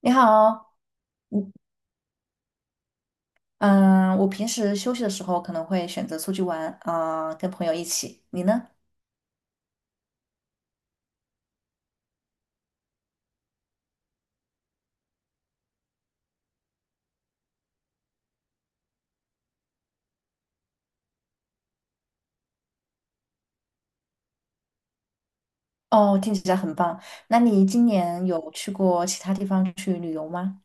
你好，嗯，我平时休息的时候可能会选择出去玩，跟朋友一起。你呢？哦，听起来很棒。那你今年有去过其他地方去旅游吗？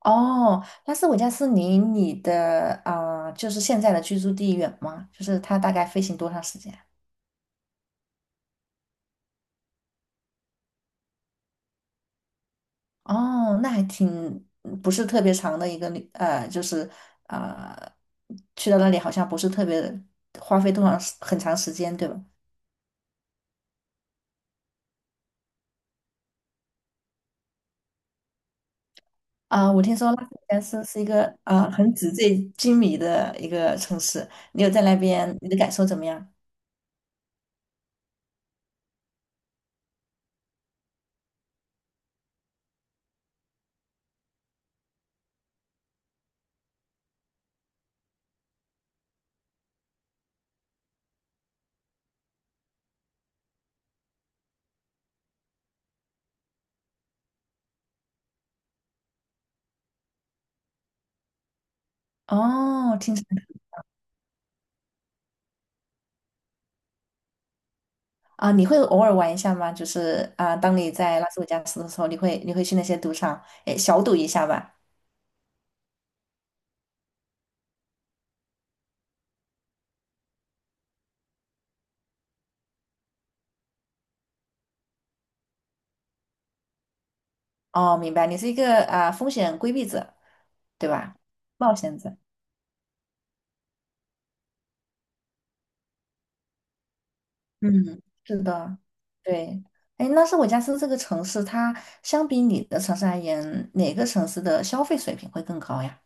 哦，拉斯维加斯离你的就是现在的居住地远吗？就是它大概飞行多长时间？哦，那还挺嗯不是特别长的一个旅，呃，就是呃，去到那里好像不是特别花费多长时很长时间，对吧？我听说拉斯维加斯是一个很纸醉金迷的一个城市，你有在那边，你的感受怎么样？哦，听起来 你会偶尔玩一下吗？就是，当你在拉斯维加斯的时候，你会去那些赌场，诶，小赌一下吧。哦，明白，你是一个风险规避者，对吧？冒险者。嗯，是的，对。哎，拉斯维加斯这个城市，它相比你的城市而言，哪个城市的消费水平会更高呀？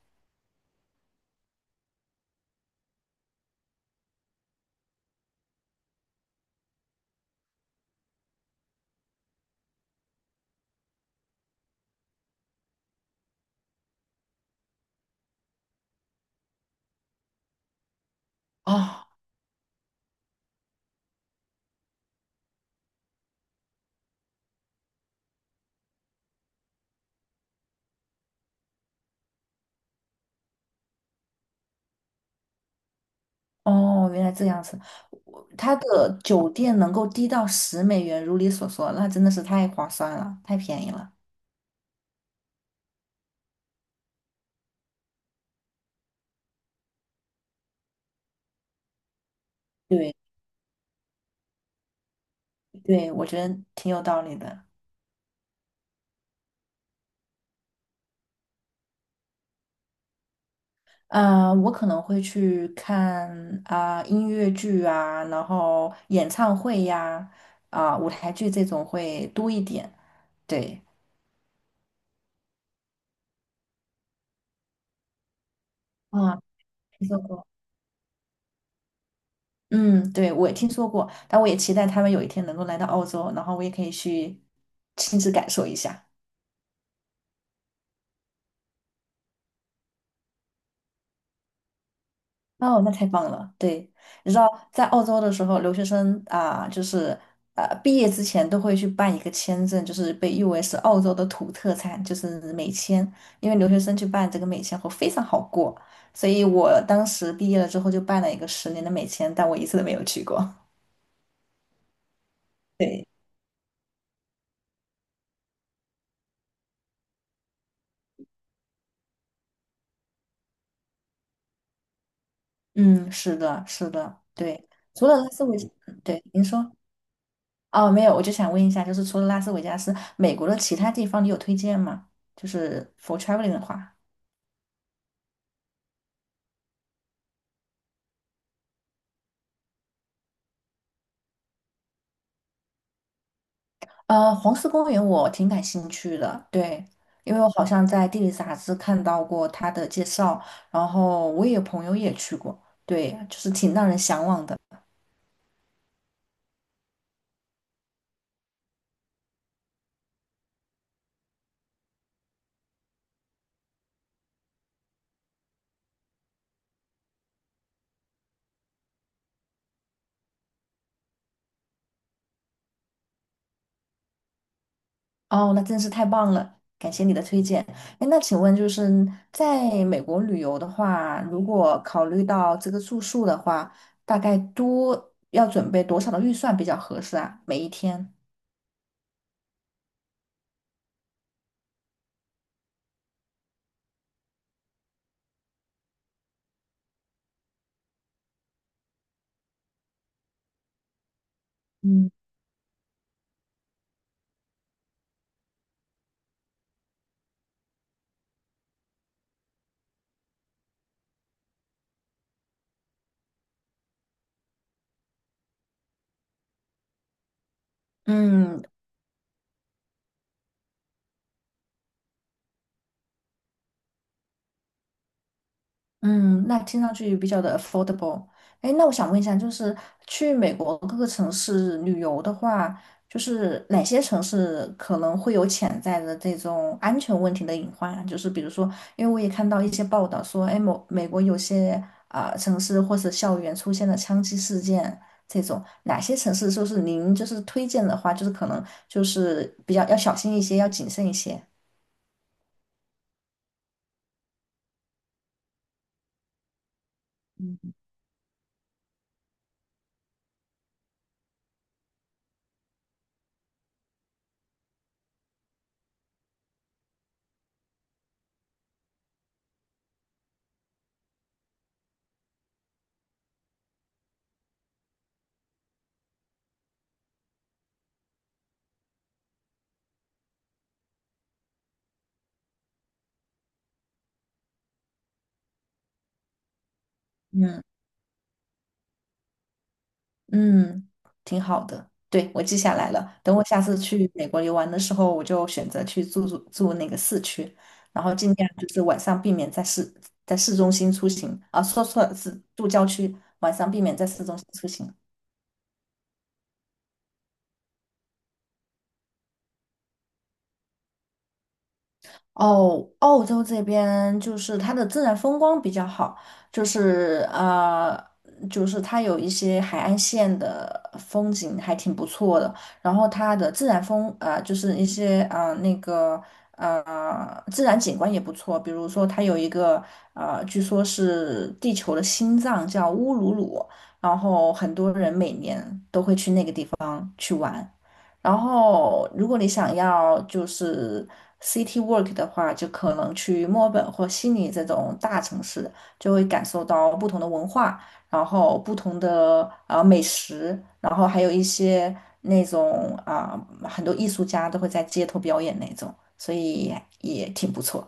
哦，哦，原来这样子，它的酒店能够低到10美元，如你所说，那真的是太划算了，太便宜了。对对，我觉得挺有道理的。我可能会去看音乐剧啊，然后演唱会呀、舞台剧这种会多一点。对，啊，听说过。嗯，对，我也听说过，但我也期待他们有一天能够来到澳洲，然后我也可以去亲自感受一下。哦，那太棒了！对，你知道在澳洲的时候，留学生啊，就是毕业之前都会去办一个签证，就是被誉为是澳洲的土特产，就是美签。因为留学生去办这个美签会非常好过，所以我当时毕业了之后就办了一个10年的美签，但我一次都没有去过。对，嗯，是的，是的，对。除了拉斯维，对，您说。哦，没有，我就想问一下，就是除了拉斯维加斯，美国的其他地方你有推荐吗？就是 for traveling 的话。黄石公园我挺感兴趣的，对，因为我好像在地理杂志看到过它的介绍，然后我也有朋友也去过，对，就是挺让人向往的。哦，那真是太棒了，感谢你的推荐。哎，那请问就是在美国旅游的话，如果考虑到这个住宿的话，大概多要准备多少的预算比较合适啊？每一天？嗯。嗯，嗯，那听上去比较的 affordable。哎，那我想问一下，就是去美国各个城市旅游的话，就是哪些城市可能会有潜在的这种安全问题的隐患啊？就是比如说，因为我也看到一些报道说，哎，某美国有些城市或是校园出现了枪击事件这种，哪些城市就是您就是推荐的话，就是可能就是比较要小心一些，要谨慎一些。嗯。嗯，挺好的。对，我记下来了。等我下次去美国游玩的时候，我就选择去住那个市区，然后尽量就是晚上避免在市中心出行啊，说错了，是住郊区，晚上避免在市中心出行。哦，澳洲这边就是它的自然风光比较好，就是呃，就是它有一些海岸线的风景还挺不错的，然后它的自然风呃，就是一些自然景观也不错，比如说它有一个据说是地球的心脏叫乌鲁鲁，然后很多人每年。然后，如果你想要就是 city work 的话，就可能去墨尔本或悉尼这种大城市，就会感受到不同的文化，然后不同的美食，然后还有一些那种很多艺术家都会在街头表演那种，所以也挺不错。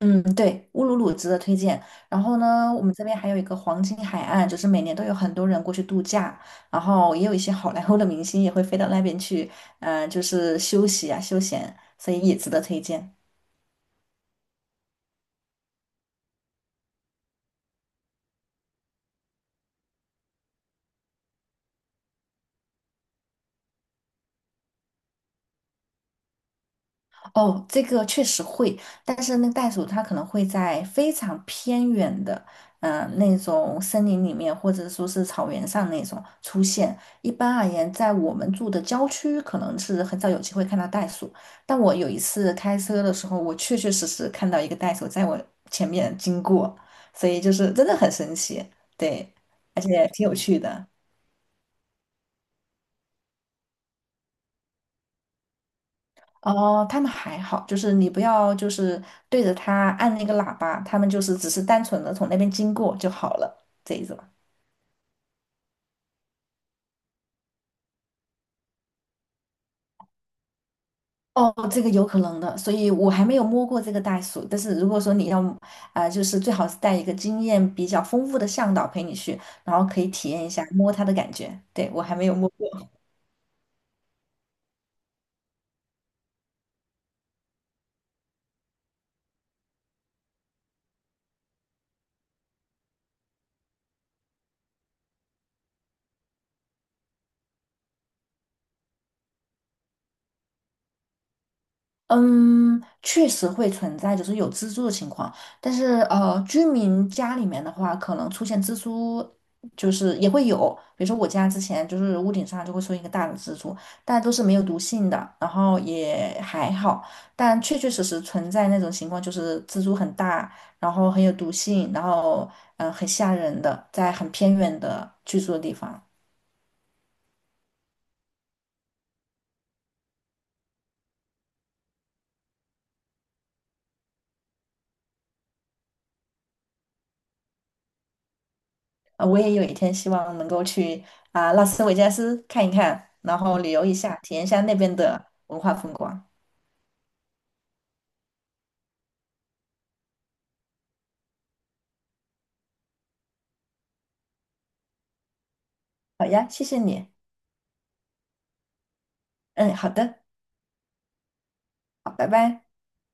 嗯，对，乌鲁鲁值得推荐。然后呢，我们这边还有一个黄金海岸，就是每年都有很多人过去度假，然后也有一些好莱坞的明星也会飞到那边去，就是休息啊，休闲，所以也值得推荐。哦，这个确实会，但是那个袋鼠它可能会在非常偏远的，那种森林里面，或者说是草原上那种出现。一般而言，在我们住的郊区，可能是很少有机会看到袋鼠。但我有一次开车的时候，我确确实实看到一个袋鼠在我前面经过，所以就是真的很神奇，对，而且挺有趣的。哦，他们还好，就是你不要就是对着他按那个喇叭，他们就是只是单纯的从那边经过就好了，这意思吧？哦，这个有可能的，所以我还没有摸过这个袋鼠。但是如果说你要，就是最好是带一个经验比较丰富的向导陪你去，然后可以体验一下摸它的感觉。对，我还没有摸过。嗯，确实会存在，就是有蜘蛛的情况。但是居民家里面的话，可能出现蜘蛛，就是也会有。比如说我家之前就是屋顶上就会出现一个大的蜘蛛，但都是没有毒性的，然后也还好。但确确实实存在那种情况，就是蜘蛛很大，然后很有毒性，然后很吓人的，在很偏远的居住的地方。我也有一天希望能够去拉斯维加斯看一看，然后旅游一下，体验一下那边的文化风光。好呀，谢谢你。嗯，好的，好，拜拜。